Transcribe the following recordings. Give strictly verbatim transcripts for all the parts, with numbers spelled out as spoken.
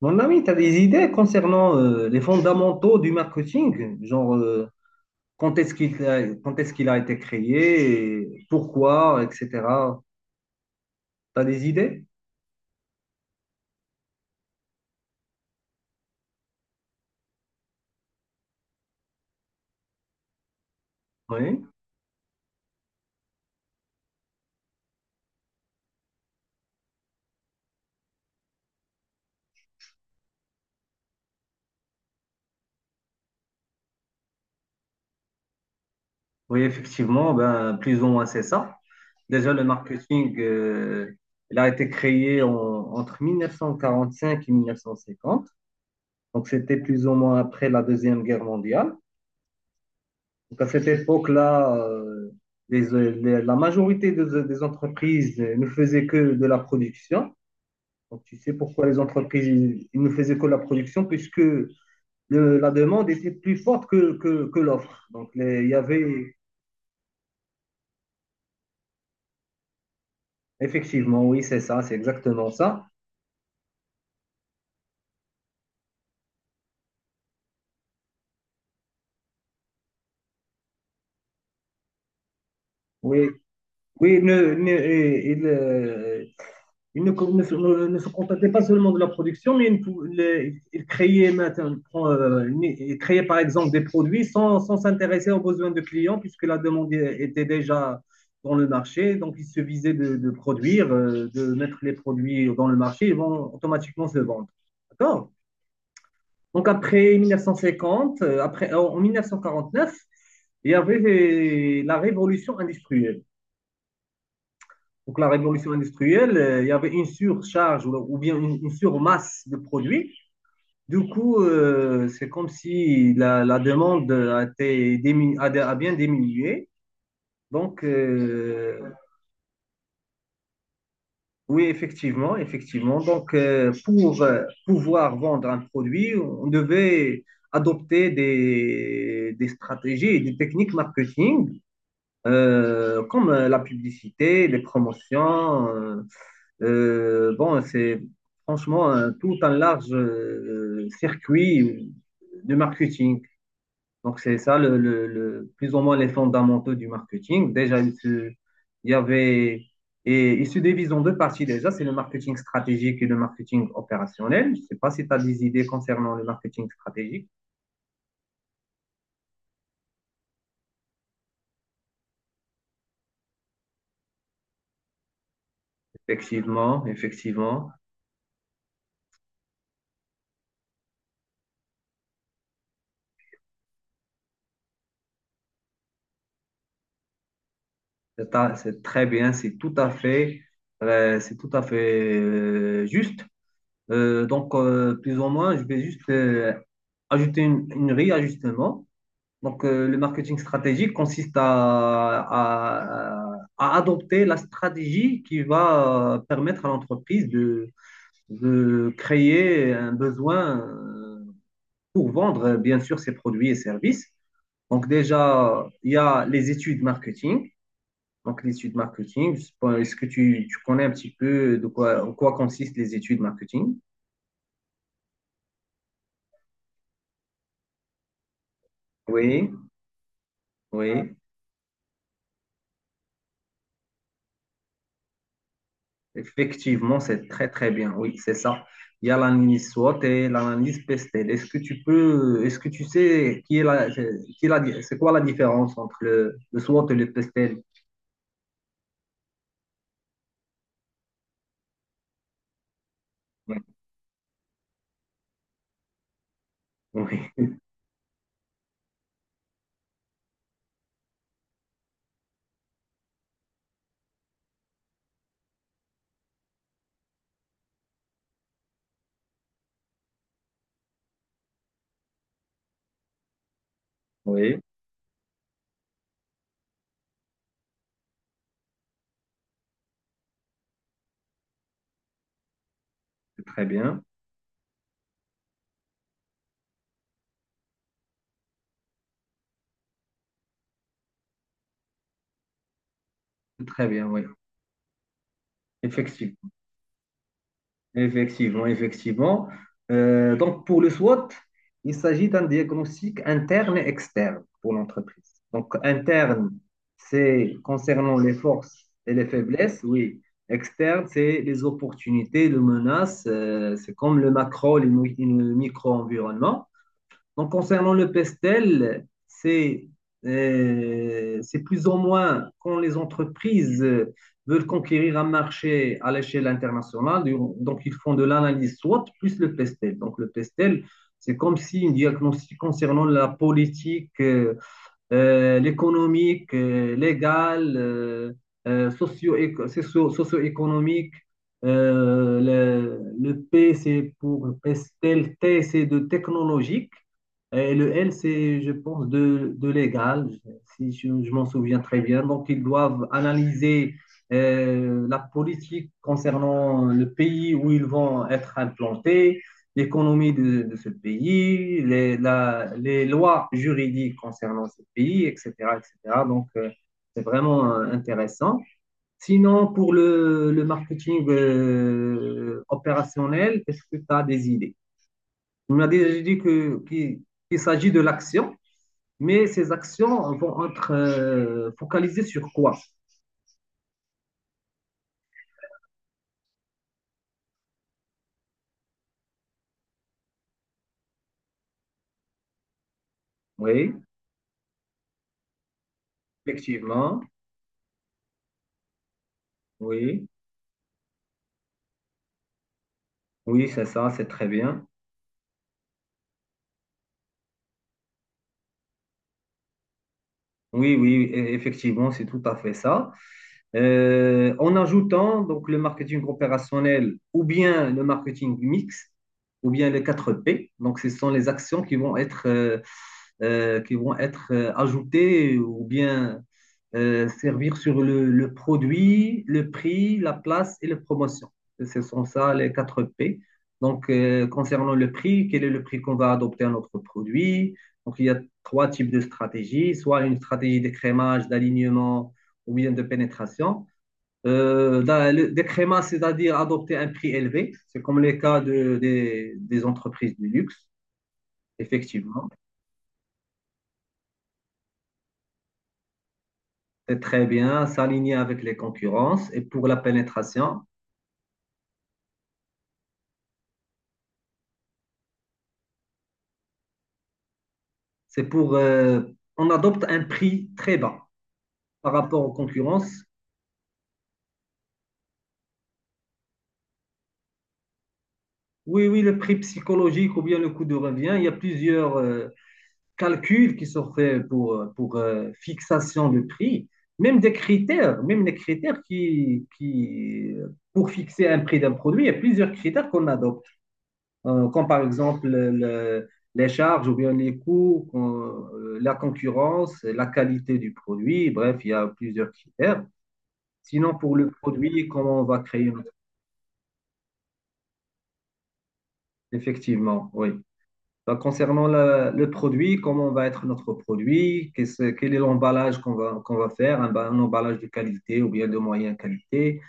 Mon ami, tu as des idées concernant euh, les fondamentaux du marketing, genre euh, quand est-ce qu'il a, quand est-ce qu'il a été créé, et pourquoi, et cetera. Tu as des idées? Oui, oui, effectivement, ben, plus ou moins c'est ça. Déjà, le marketing, euh, il a été créé en- entre mille neuf cent quarante-cinq et mille neuf cent cinquante, donc c'était plus ou moins après la Deuxième Guerre mondiale. Donc, à cette époque-là, euh, les- les- la majorité des, des entreprises euh, ne faisaient que de la production. Donc, tu sais pourquoi les entreprises ils- ils ne faisaient que la production, puisque le- la demande était plus forte que, que, que l'offre. Donc, les- il y avait effectivement, oui, c'est ça, c'est exactement ça. Oui, oui, ne, ne- et- et le- Ils ne, ne se, ne- se contentaient pas seulement de la production, mais ils, les- ils créaient euh, ils créaient par exemple des produits sans, sans s'intéresser aux besoins de clients, puisque la demande était déjà dans le marché. Donc, il suffisaient de, de produire, euh, de mettre les produits dans le marché, ils vont automatiquement se vendre. D'accord? Donc, après mille neuf cent cinquante, euh, après, en en mille neuf cent quarante-neuf, il y avait la révolution industrielle. Donc, la révolution industrielle, euh, il y avait une surcharge ou, ou bien une, une surmasse de produits. Du coup, euh, c'est comme si la, la demande a, été diminu- a, a bien diminué. Donc, euh, oui, effectivement, effectivement. Donc, euh, pour euh, pouvoir vendre un produit, on devait adopter des, des stratégies et des techniques marketing, euh, comme euh, la publicité, les promotions, euh, Euh, bon, c'est franchement un- tout un large euh, circuit de marketing. Donc, c'est ça, le, le- le- plus ou moins les fondamentaux du marketing. Déjà, il se- il y avait, et il se divise en deux parties déjà, c'est le marketing stratégique et le marketing opérationnel. Je ne sais pas si tu as des idées concernant le marketing stratégique. Effectivement, effectivement, c'est ta- c'est très bien, c'est tout à fait, euh, c'est tout à fait euh, juste. Euh, donc, euh, plus ou moins, je vais juste euh, ajouter une, une réajustement. Donc, euh, le marketing stratégique consiste à, à- à adopter la stratégie qui va euh, permettre à l'entreprise de, de créer un besoin euh, pour vendre, euh, bien sûr, ses produits et services. Donc, déjà, il y a les études marketing. Donc, les études marketing, je sais pas, est-ce que tu, tu connais un petit peu de quoi, en quoi consistent les études marketing? Oui, oui. Effectivement, c'est très très bien. Oui, c'est ça. Il y a l'analyse SWOT et l'analyse PESTEL. Est-ce que tu peux, est-ce que tu sais qui est la, qui est la, c'est quoi la différence entre le, le SWOT et le PESTEL? Oui, oui, oui, c'est très bien. C'est très bien, oui. Effectivement. Effectivement, effectivement. Euh, donc, pour le SWOT, il s'agit d'un diagnostic interne et externe pour l'entreprise. Donc, interne, c'est concernant les forces et les faiblesses, oui. Externe, c'est les opportunités, les menaces, euh, c'est comme le macro, le mi- le micro-environnement. Donc, concernant le pestel, c'est euh, c'est plus ou moins quand les entreprises euh, veulent conquérir un marché à l'échelle internationale, donc ils font de l'analyse SWOT plus le pestel. Donc, le pestel, c'est comme si une diagnostic concernant la politique euh, euh, l'économique, euh, légal, euh, euh, socio-éco- socio- socio-économique. Euh, le, le P, c'est pour Pestel, T, c'est de technologique. Et le L, c'est, je pense, de, de légal, si je, je m'en souviens très bien. Donc, ils doivent analyser euh, la politique concernant le pays où ils vont être implantés, l'économie de, de ce pays, les, la- les lois juridiques concernant ce pays, et cetera, et cetera. Donc, euh, c'est vraiment euh, intéressant. Sinon, pour le, le marketing euh, opérationnel, est-ce que tu as des idées? On a déjà dit que, qu'il, qu'il s'agit de l'action, mais ces actions vont être euh, focalisées sur quoi? Oui, effectivement. Oui, oui, c'est ça, c'est très bien. Oui, oui, e- effectivement, c'est tout à fait ça. Euh, en ajoutant donc le marketing opérationnel ou bien le marketing mix ou bien les quatre P. Donc, ce sont les actions qui vont être, euh, euh, qui vont être euh, ajoutées ou bien euh, servir sur le, le produit, le prix, la place et la promotion. Ce sont ça les quatre P. Donc, euh, concernant le prix, quel est le prix qu'on va adopter à notre produit? Donc, il y a trois types de stratégies, soit une stratégie d'écrémage, d'alignement ou bien de pénétration. Euh, des crémas, c'est-à-dire adopter un prix élevé. C'est comme les cas de- des, des entreprises du luxe, effectivement. C'est très bien, s'aligner avec les concurrences. Et pour la pénétration, c'est pour... euh, on adopte un prix très bas par rapport aux concurrences. Oui, oui, le prix psychologique ou bien le coût de revient, il y a plusieurs, euh, calculs qui sont faits pour, pour euh, fixation de prix, même des critères, même les critères qui, qui pour fixer un prix d'un produit, il y a plusieurs critères qu'on adopte, euh, comme par exemple le- les charges ou bien les coûts, euh, la concurrence, la qualité du produit, bref, il y a plusieurs critères. Sinon, pour le produit, comment on va créer notre... Effectivement, oui. Ben, concernant la- le produit, comment va être notre produit, qu'est-ce- quel est l'emballage qu'on va, qu'on va faire, un, ba- un emballage de qualité ou bien de moyenne qualité.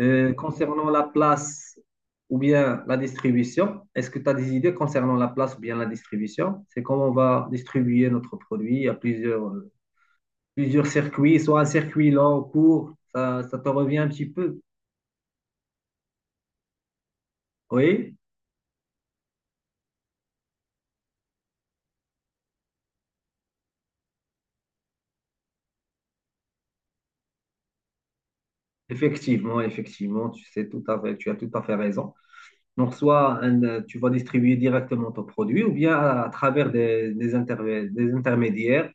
Euh, concernant la place ou bien la distribution, est-ce que tu as des idées concernant la place ou bien la distribution? C'est comment on va distribuer notre produit à plusieurs, euh, plusieurs circuits, soit un circuit long, court, ça, ça te revient un petit peu. Oui, effectivement, effectivement, tu sais tout à fait, tu as tout à fait raison. Donc, soit un- tu vas distribuer directement ton produit ou bien à, travers des, des interv- des intermédiaires,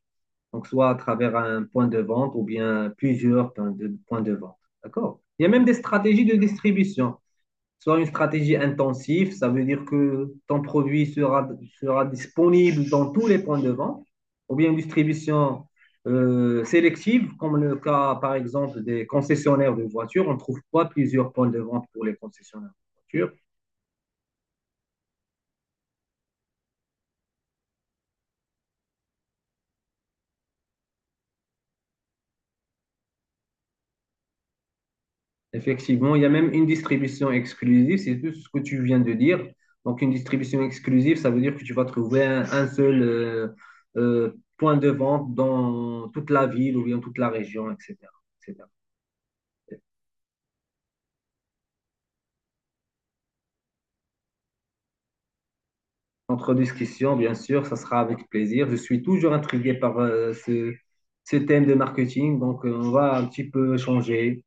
donc soit à travers un point de vente ou bien plusieurs points de, points de vente. D'accord? Il y a même des stratégies de distribution. Soit une stratégie intensive, ça veut dire que ton produit sera, sera disponible dans tous les points de vente, ou bien une distribution euh, sélective, comme le cas par exemple des concessionnaires de voitures. On trouve pas plusieurs points de vente pour les concessionnaires de voitures. Effectivement, il y a même une distribution exclusive, c'est tout ce que tu viens de dire. Donc, une distribution exclusive, ça veut dire que tu vas trouver un, un seul euh, euh, point de vente dans toute la ville ou bien toute la région, et cetera et cetera. Entre discussion, bien sûr, ça sera avec plaisir. Je suis toujours intrigué par euh, ce, ce thème de marketing, donc euh, on va un petit peu changer.